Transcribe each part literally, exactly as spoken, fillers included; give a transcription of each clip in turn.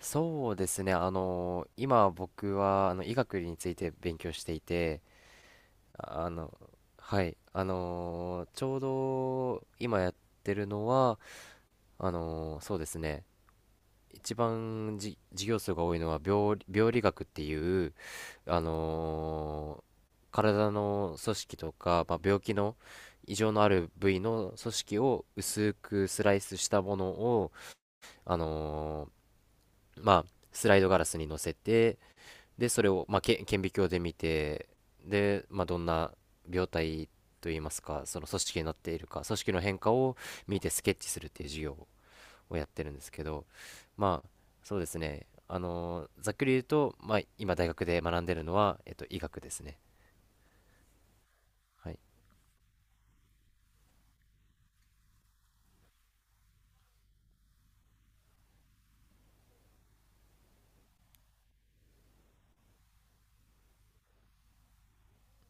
そうですね。あの、今僕はあの医学について勉強していて、ああの、はい、あの、ちょうど今やってるのは、あの、そうですね。一番じ授業数が多いのは病理、病理学っていう、あの、体の組織とか、まあ、病気の異常のある部位の組織を薄くスライスしたものを、あの、まあ、スライドガラスに乗せて、で、それを、まあ、け顕微鏡で見て、で、まあ、どんな病態といいますか、その組織になっているか、組織の変化を見てスケッチするっていう授業をやってるんですけど、まあ、そうですね。あのざっくり言うと、まあ、今大学で学んでるのは、えっと、医学ですね。はい。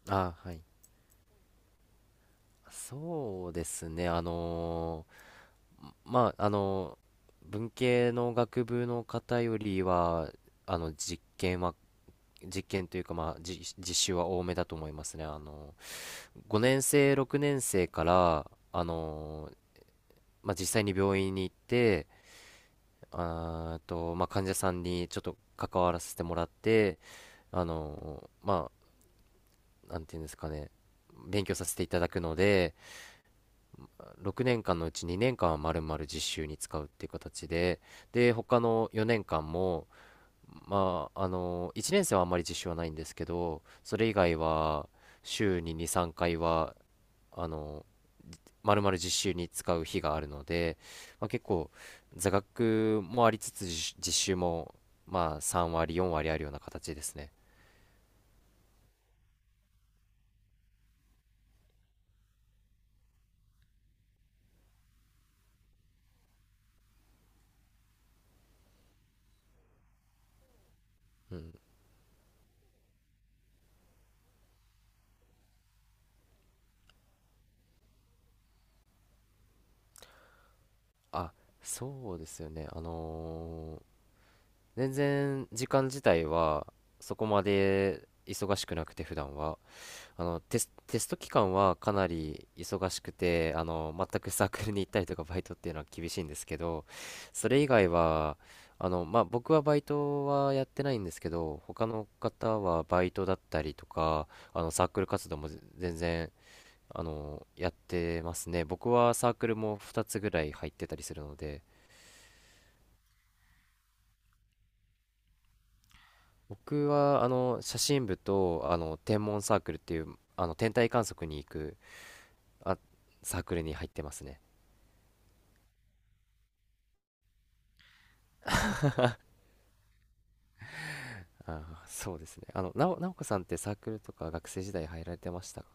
あー、はい。そうですね。あのーまあ、あのー文系の学部の方よりは、あの、実験は実験というか、まあ、じ実習は多めだと思いますね。あの、ごねん生、ろくねん生から、あの、まあ、実際に病院に行って、あーと、まあ、患者さんにちょっと関わらせてもらって、あの、まあ、なんていうんですかね、勉強させていただくので、ろくねんかんのうちにねんかんはまるまる実習に使うっていう形で、で、他のよねんかんも、まあ、あの、いちねん生はあんまり実習はないんですけど、それ以外は、週にに、さんかいは、あの、まるまる実習に使う日があるので、まあ、結構、座学もありつつ、実実習も、まあ、さん割、よん割あるような形ですね。うん。あ、そうですよね。あのー全然時間自体はそこまで忙しくなくて普段は。あのテス、テスト期間はかなり忙しくて、あの全くサークルに行ったりとかバイトっていうのは厳しいんですけど、それ以外はあの、まあ、僕はバイトはやってないんですけど、他の方はバイトだったりとかあのサークル活動もぜ全然あのやってますね。僕はサークルもふたつぐらい入ってたりするので。僕はあの写真部とあの天文サークルっていう、あの天体観測に行くあサークルに入ってますね。ああ、そうですね。あの、なお、なおこさんってサークルとか学生時代入られてましたか？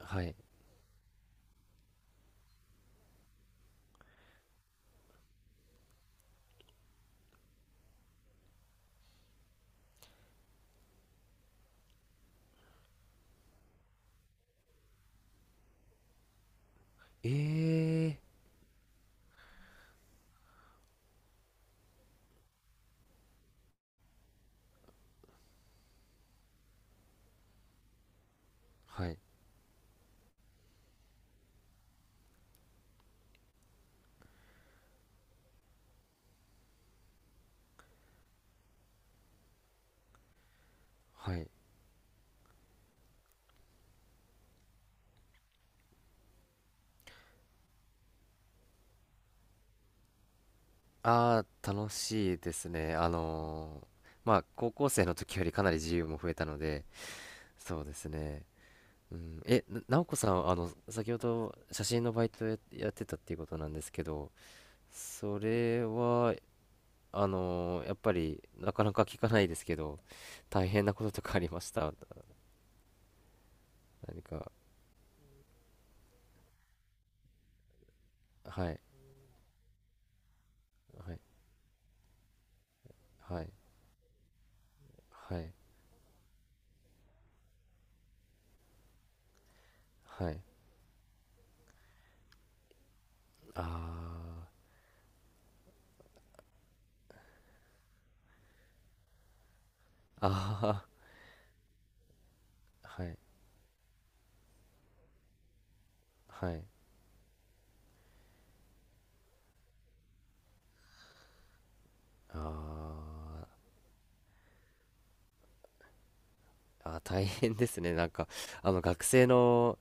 はい。ええ、はい、はい。ああ、楽しいですね。あのーまあ、高校生の時よりかなり自由も増えたので、そうですね。うん、え、な、なおこさん、あの、先ほど写真のバイトや、やってたっていうことなんですけど、それは、あのーやっぱり、なかなか聞かないですけど、大変なこととかありました？何か、はい、はい、はい。はい、はい。ああ、あーはい、はい。あーあー、大変ですね。なんか、あの、学生の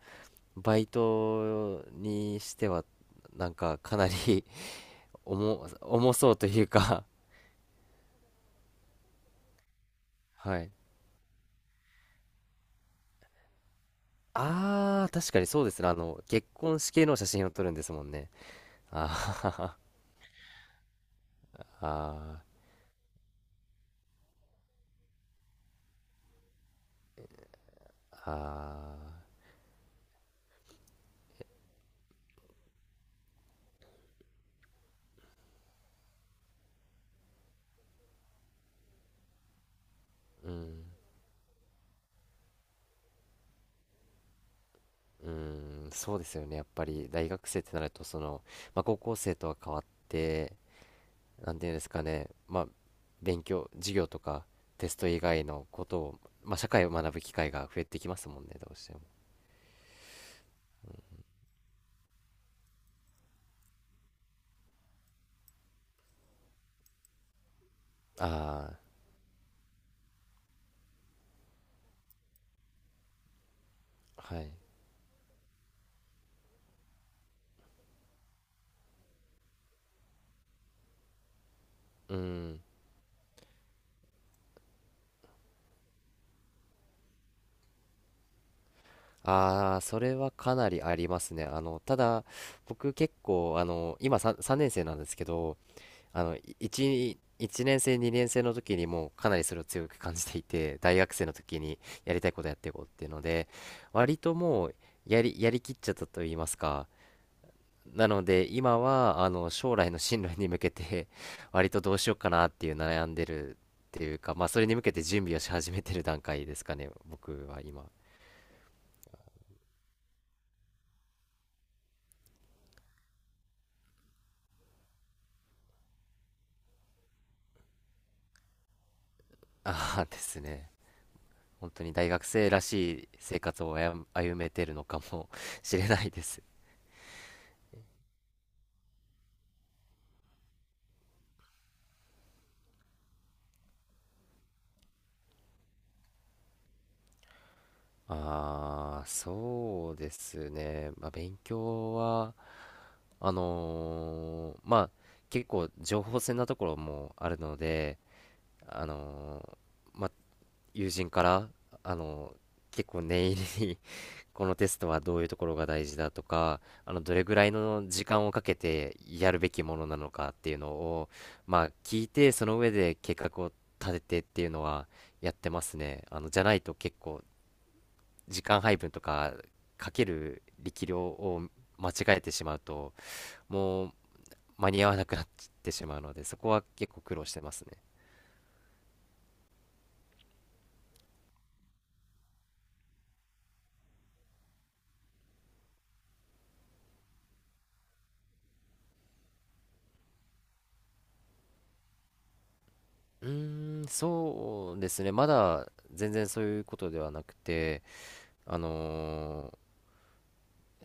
バイトにしては、なんか、かなり 重、重そうというか。はい。ああ、確かにそうですね。あの、結婚式の写真を撮るんですもんね。あー あー、ああ、うん。うーん、そうですよね。やっぱり大学生ってなると、その、まあ、高校生とは変わって、なんていうんですかね、まあ、勉強、授業とかテスト以外のことを、まあ、社会を学ぶ機会が増えてきますもんね、どうしても。ああ、はい。うん。ああ、それはかなりありますね。あの、ただ、僕結構、あの、今さんさんねん生なんですけど、あの、いち、一年生、にねん生の時にもうかなりそれを強く感じていて、大学生の時にやりたいことやっていこうっていうので、割ともうやり、やりきっちゃったと言いますか。なので、今は、あの、将来の進路に向けて、割とどうしようかなっていう悩んでるっていうか、まあ、それに向けて準備をし始めてる段階ですかね、僕は今。ああ ですね。本当に大学生らしい生活を歩歩めてるのかもしれないです。ああ、そうですね。まあ、勉強は、あのーまあ、結構情報戦なところもあるので、あのーまあ、友人から、あのー結構念入りに このテストはどういうところが大事だとか、あの、どれぐらいの時間をかけてやるべきものなのかっていうのを、まあ、聞いて、その上で計画を立ててっていうのはやってますね。あの、じゃないと結構時間配分とかかける力量を間違えてしまうと、もう間に合わなくなってしまうので、そこは結構苦労してますね。うーん、そうですね。まだ全然そういうことではなくて、あのー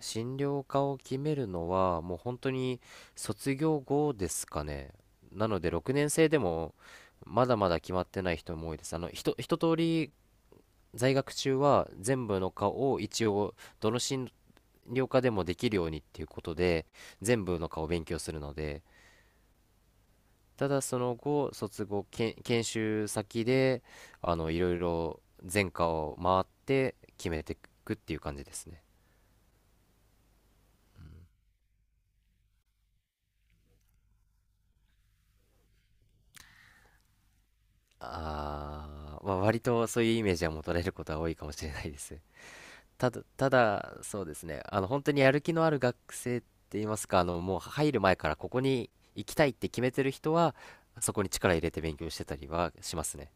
診療科を決めるのはもう本当に卒業後ですかね。なのでろくねん生でもまだまだ決まってない人も多いです。あの、ひと、一通り在学中は全部の科を一応どの進量科でもできるようにっていうことで全部の科を勉強するので、ただその後卒後けん研修先であのいろいろ全科を回って決めていくっていう感じですね。あー、まあ、割とそういうイメージは持たれることは多いかもしれないです。ただ、ただそうですね、あの本当にやる気のある学生って言いますか、あのもう入る前からここに行きたいって決めてる人は、そこに力入れて勉強してたりはしますね。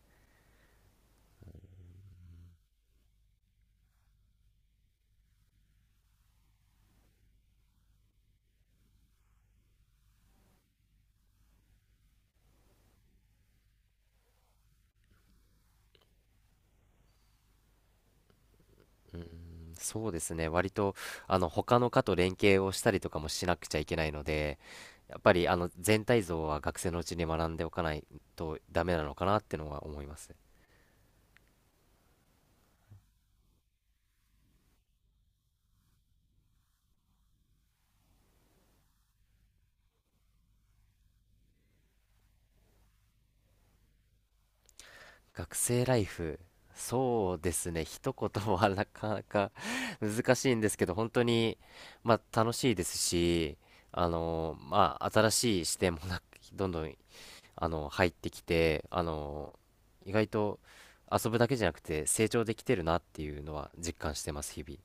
そうですね。割と、あの、他の科と連携をしたりとかもしなくちゃいけないので、やっぱり、あの、全体像は学生のうちに学んでおかないとダメなのかなってのは思います。学生ライフ、そうですね。一言はなかなか 難しいんですけど、本当に、まあ、楽しいですし、あの、まあ、新しい視点もな、どんどん、あの、入ってきて、あの、意外と遊ぶだけじゃなくて成長できてるなっていうのは実感してます、日々。